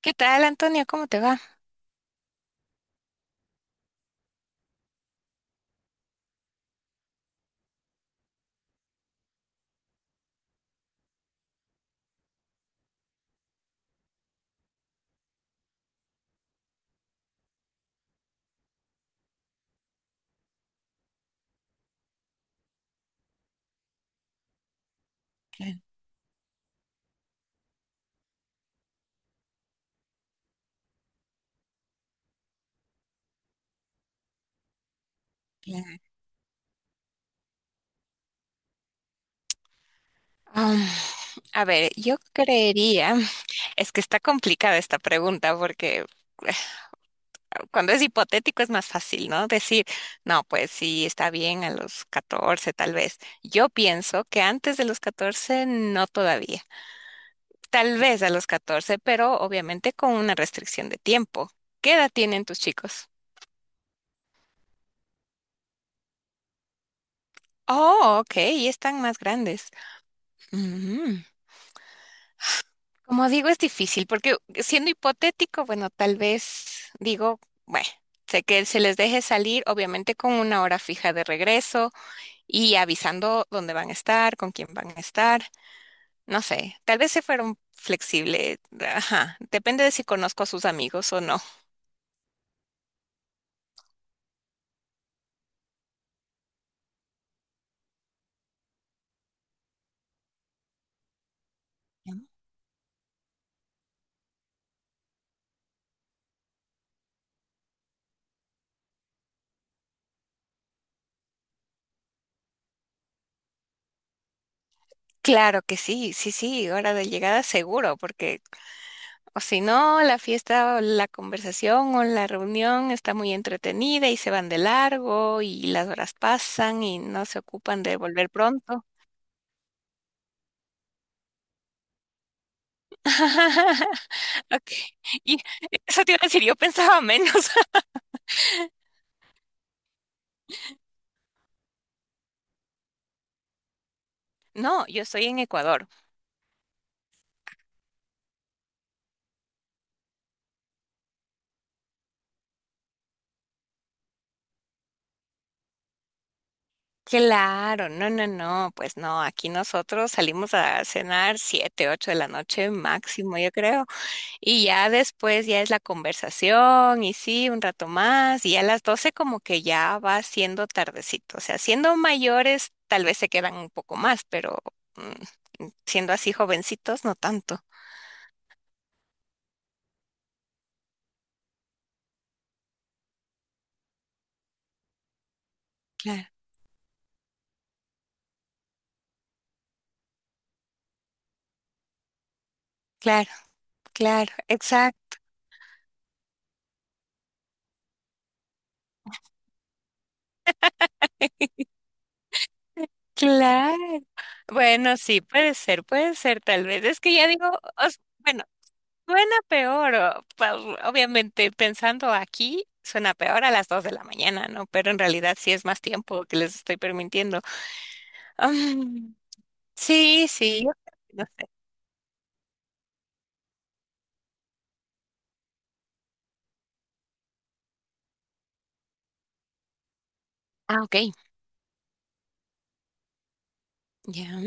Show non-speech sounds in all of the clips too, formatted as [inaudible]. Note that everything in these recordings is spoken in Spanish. ¿Qué tal, Antonio? ¿Cómo te va? Bien, bien. Um, a ver, yo creería, es que está complicada esta pregunta porque [laughs] eh, cuando es hipotético es más fácil, ¿no? Decir, no, pues sí, está bien a los 14, tal vez. Yo pienso que antes de los 14 no todavía. Tal vez a los 14, pero obviamente con una restricción de tiempo. ¿Qué edad tienen tus chicos? Oh, ok, y están más grandes. Ujú. Como digo, es difícil porque siendo hipotético, bueno, tal vez digo, bueno, sé que se les deje salir, obviamente con una hora fija de regreso y avisando dónde van a estar, con quién van a estar, no sé, tal vez se fueron flexible, ajá, depende de si conozco a sus amigos o no. Claro que sí, sí, sí, hora de llegada seguro, porque o si no, la fiesta o la conversación o la reunión está muy entretenida y se van de largo y las horas pasan y no se ocupan de volver pronto. [laughs] Ok, y eso te iba a decir, yo pensaba menos. [laughs] No, yo estoy en Ecuador. Claro, no, no, no, pues no, aquí nosotros salimos a cenar 7, 8 de la noche máximo, yo creo. Y ya después ya es la conversación y sí, un rato más y a las 12 como que ya va siendo tardecito. O sea, siendo mayores tal vez se quedan un poco más, pero siendo así jovencitos no tanto. Claro, claro, claro, exacto, claro. Bueno, sí, puede ser tal vez. Es que ya digo, bueno, suena peor, obviamente pensando aquí. Suena peor a las 2 de la mañana, ¿no? Pero en realidad sí es más tiempo que les estoy permitiendo. Am, sí, sí, yo creo que no sé. Ah, ok, ya,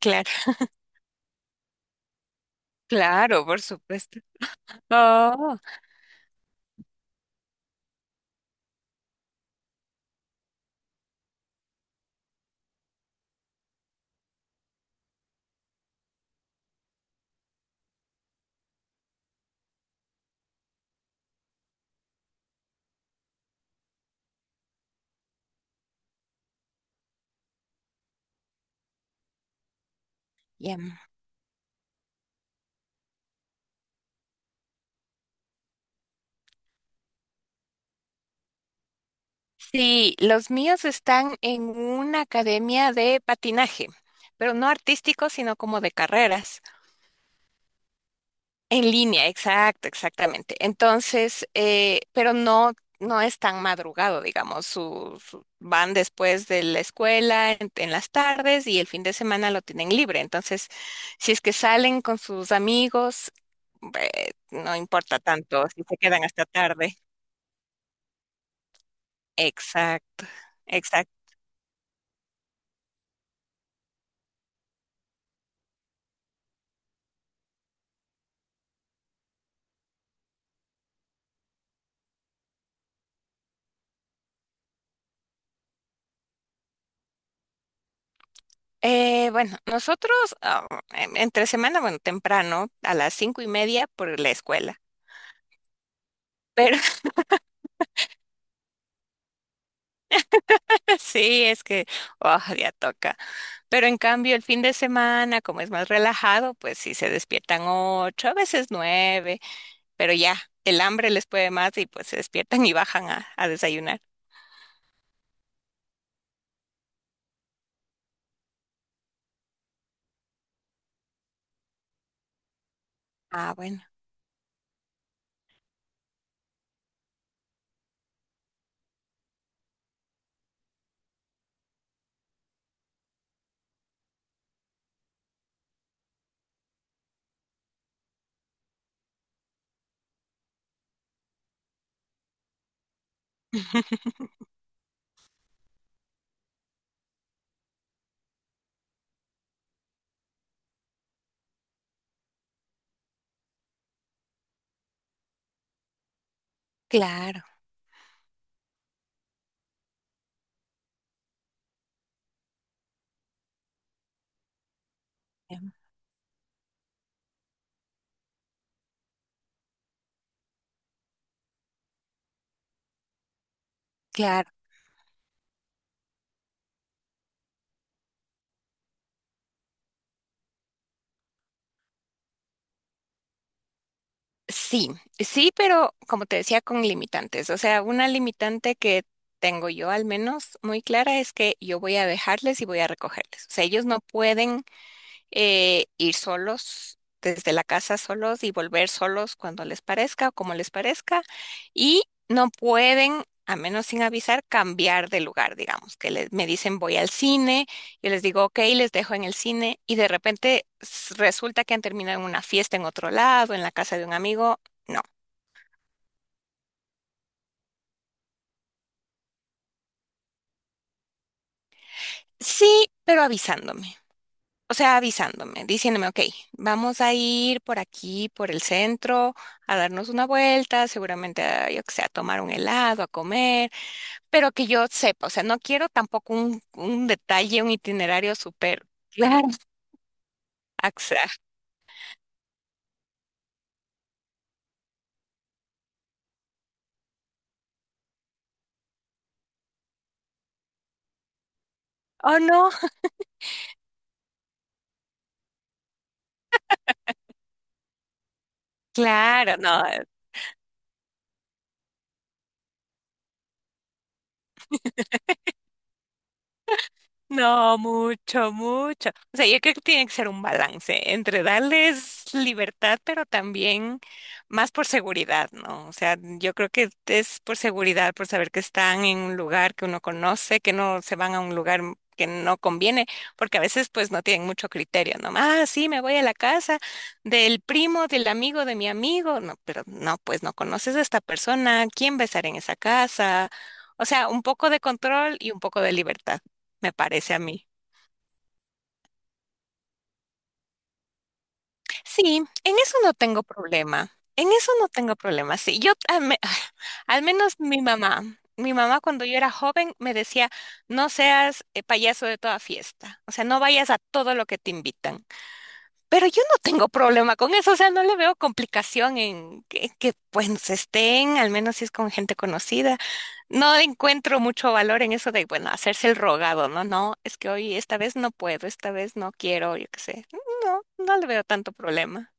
claro, claro, por supuesto. Oh, ya. Sí, los míos están en una academia de patinaje, pero no artístico, sino como de carreras. En línea, exacto, exactamente. Entonces, pero no, no es tan madrugado, digamos, van después de la escuela en las tardes y el fin de semana lo tienen libre. Entonces, si es que salen con sus amigos, no importa tanto si se quedan hasta tarde. Exacto, exacto. Bueno, nosotros ah, entre semana, bueno, temprano, a las 5:30 por la escuela. Pero [laughs] sí, es que, oh, ya toca. Pero en cambio, el fin de semana, como es más relajado, pues sí se despiertan 8, a veces 9, pero ya el hambre les puede más y pues se despiertan y bajan a desayunar. Ah, bueno, claro, em, claro. Sí, sí, pero como te decía, con limitantes. O sea, una limitante que tengo yo al menos muy clara es que yo voy a dejarles y voy a recogerles. O sea, ellos no pueden ir solos desde la casa solos y volver solos cuando les parezca o como les parezca. Y no pueden, a menos sin avisar, cambiar de lugar, digamos, que les, me dicen voy al cine, yo les digo ok, les dejo en el cine y de repente resulta que han terminado en una fiesta en otro lado, en la casa de un amigo. No. Sí, pero avisándome. O sea, avisándome, diciéndome, ok, vamos a ir por aquí, por el centro, a darnos una vuelta, seguramente, a, yo que sé, a tomar un helado, a comer, pero que yo sepa, o sea, no quiero tampoco un detalle, un itinerario súper. Claro. [laughs] axa- Oh, no, claro, no. No, mucho, mucho. O sea, yo creo que tiene que ser un balance entre darles libertad, pero también más por seguridad, ¿no? O sea, yo creo que es por seguridad, por saber que están en un lugar que uno conoce, que no se van a un lugar que no conviene, porque a veces pues no tienen mucho criterio, ¿no? Ah, sí, me voy a la casa del primo, del amigo, de mi amigo. No, pero no, pues no conoces a esta persona, ¿quién va a estar en esa casa? O sea, un poco de control y un poco de libertad me parece a mí. Sí, en eso no tengo problema. En eso no tengo problema. Sí, [sighs] al menos mi mamá cuando yo era joven me decía, no seas payaso de toda fiesta. O sea, no vayas a todo lo que te invitan. Pero yo no tengo problema con eso, o sea, no le veo complicación en que, pues estén, al menos si es con gente conocida. No encuentro mucho valor en eso de, bueno, hacerse el rogado, no, no, es que hoy esta vez no puedo, esta vez no quiero, yo qué sé. No, no le veo tanto problema.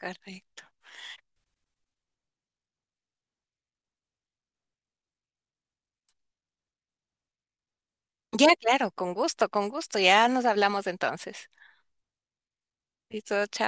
Correcto. Ya, claro, con gusto, ya nos hablamos entonces. Listo, chao.